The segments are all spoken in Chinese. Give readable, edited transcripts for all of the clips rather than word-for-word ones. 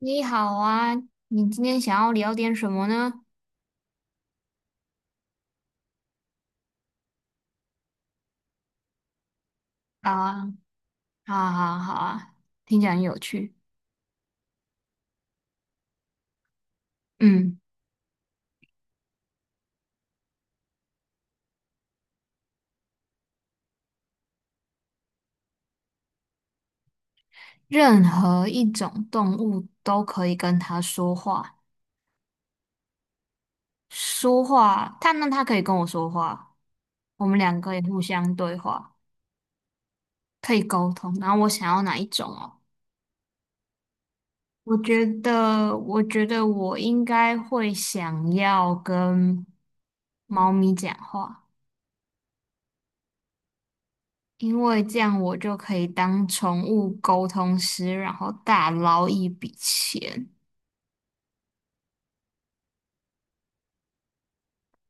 你好啊，你今天想要聊点什么呢？好啊，好啊，好啊，好啊，听起来很有趣。嗯，任何一种动物都可以跟它说话，说话，它那它可以跟我说话，我们两个也互相对话，可以沟通。然后我想要哪一种哦？我觉得我应该会想要跟猫咪讲话。因为这样我就可以当宠物沟通师，然后大捞一笔钱。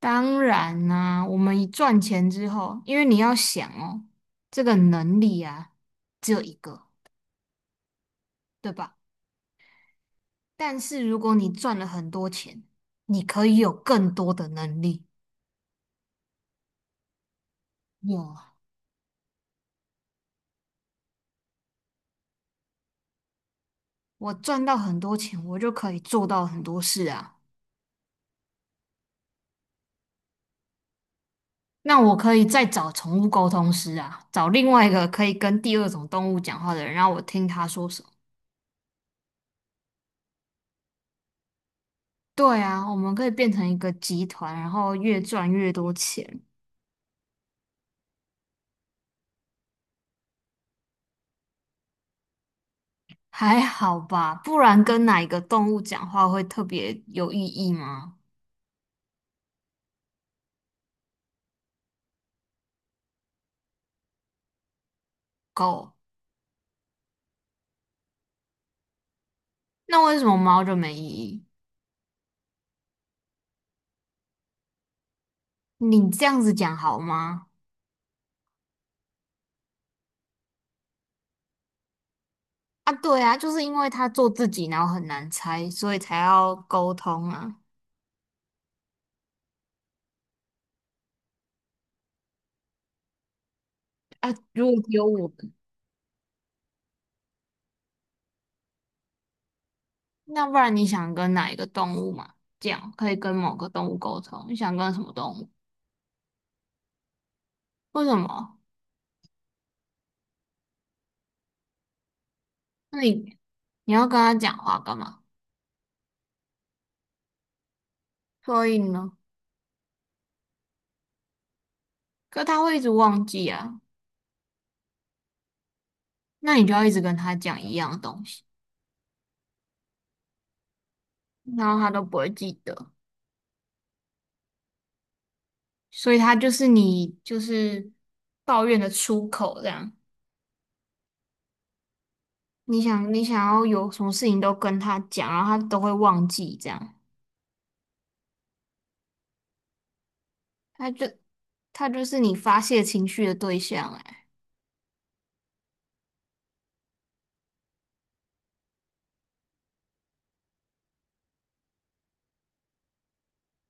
当然啦、我们一赚钱之后，因为你要想哦，这个能力啊，只有一个，对吧？但是如果你赚了很多钱，你可以有更多的能力。有，我赚到很多钱，我就可以做到很多事啊。那我可以再找宠物沟通师啊，找另外一个可以跟第二种动物讲话的人，让我听他说什么。对啊，我们可以变成一个集团，然后越赚越多钱，还好吧？不然跟哪一个动物讲话会特别有意义吗？狗，那为什么猫就没意义？你这样子讲好吗？啊，对啊，就是因为它做自己，然后很难猜，所以才要沟通啊。啊，如果只有我们，那不然你想跟哪一个动物嘛？这样可以跟某个动物沟通，你想跟什么动物？为什么？那你要跟他讲话干嘛？所以呢，可他会一直忘记啊，那你就要一直跟他讲一样的东西，然后他都不会记得，所以他就是你就是抱怨的出口这样。你想你想要有什么事情都跟他讲，然后他都会忘记这样，他就他就是你发泄情绪的对象哎，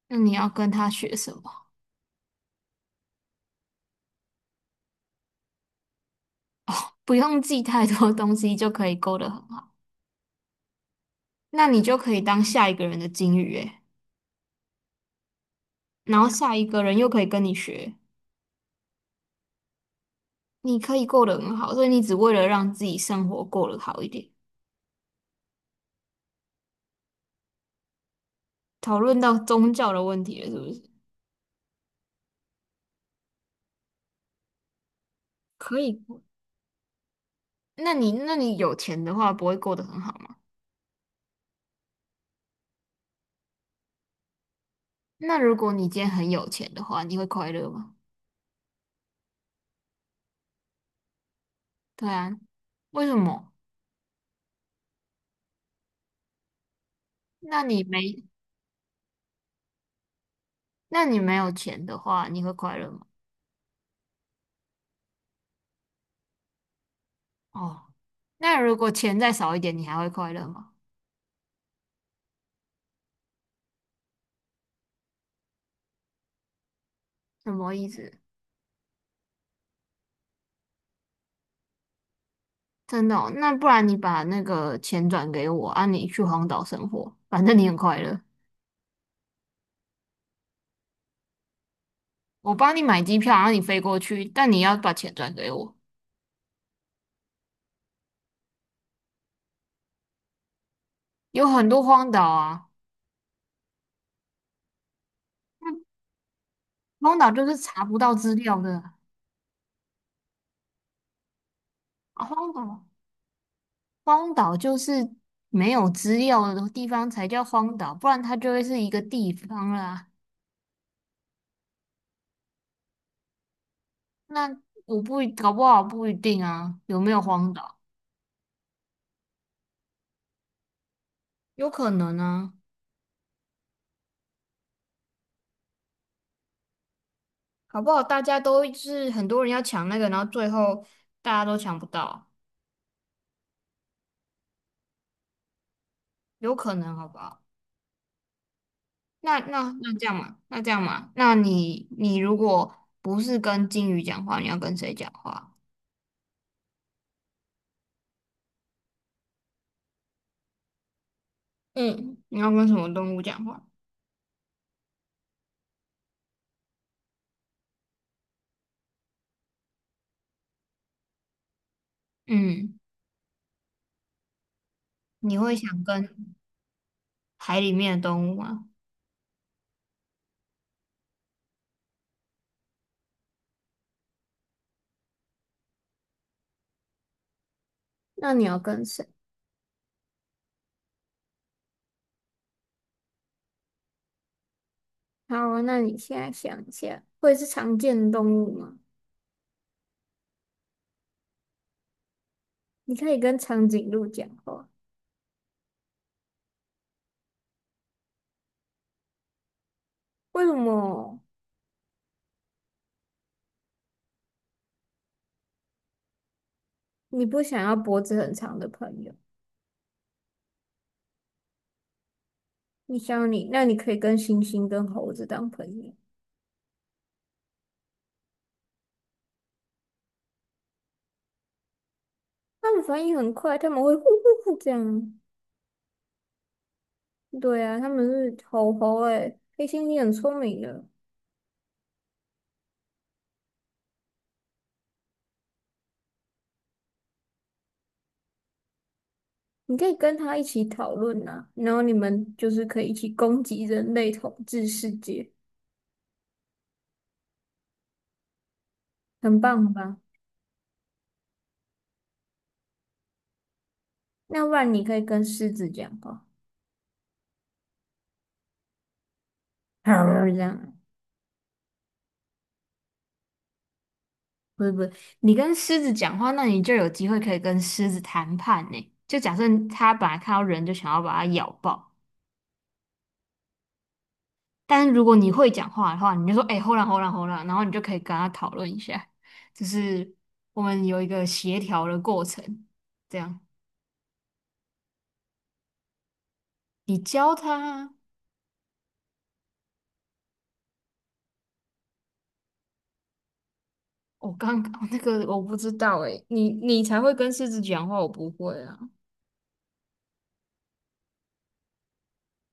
那你要跟他学什么？不用记太多东西就可以勾得很好，那你就可以当下一个人的金鱼哎，然后下一个人又可以跟你学。你可以过得很好，所以你只为了让自己生活过得好一点。讨论到宗教的问题了，是不是？可以过那你有钱的话，不会过得很好吗？那如果你今天很有钱的话，你会快乐吗？对啊，为什么？那你没那你没有钱的话，你会快乐吗？哦，那如果钱再少一点，你还会快乐吗？什么意思？真的哦那不然你把那个钱转给我啊，你去荒岛生活，反正你很快乐。我帮你买机票，然后你飞过去，但你要把钱转给我。有很多荒岛啊，那荒岛就是查不到资料的啊荒岛就是没有资料的地方才叫荒岛，不然它就会是一个地方啦。那我不一搞不好不一定啊，有没有荒岛？有可能啊，搞不好大家都是很多人要抢那个，然后最后大家都抢不到，有可能好不好？那那那这样嘛，那你如果不是跟鲸鱼讲话，你要跟谁讲话？嗯，你要跟什么动物讲话？嗯，你会想跟海里面的动物吗？那你要跟谁？好啊那你现在想一下，会是常见的动物吗？你可以跟长颈鹿讲话，为什么你不想要脖子很长的朋友？你想你，那你可以跟猩猩跟猴子当朋友，他们反应很快，他们会呼呼呼这样。对啊，他们是猴猴哎，黑猩猩很聪明的，你可以跟他一起讨论呐，然后你们就是可以一起攻击人类统治世界，很棒吧？那不然你可以跟狮子讲话，这样，不是不是，你跟狮子讲话，那你就有机会可以跟狮子谈判呢。就假设它本来看到人就想要把它咬爆。但是如果你会讲话的话，你就说哎，hold on hold on hold on，然后你就可以跟他讨论一下，就是我们有一个协调的过程，这样你教他。我刚刚那个我不知道诶，你才会跟狮子讲话，我不会啊。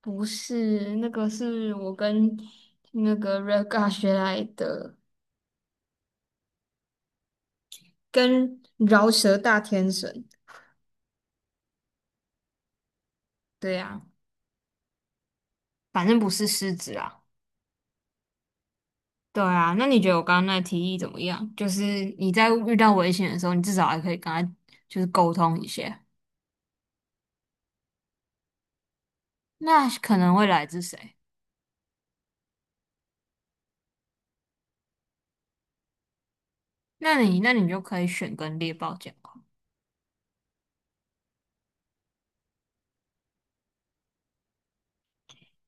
不是，那个是那个 Raga 学来的，跟饶舌大天神。对啊，反正不是狮子啊。对啊，那你觉得我刚刚那提议怎么样？就是你在遇到危险的时候，你至少还可以跟他就是沟通一下，那可能会来自谁？那你就可以选跟猎豹讲话。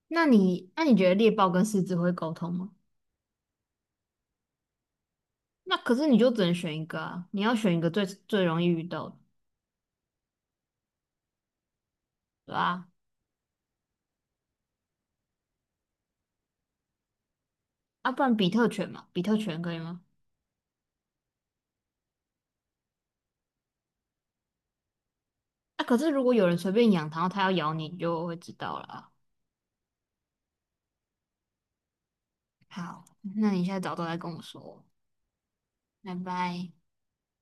那你觉得猎豹跟狮子会沟通吗？那可是你就只能选一个啊，你要选一个最最容易遇到的，对啊，啊，不然比特犬嘛，比特犬可以吗？啊，可是如果有人随便养，然后它要咬你，你就会知道了啊。好，那你现在早都来跟我说，拜拜。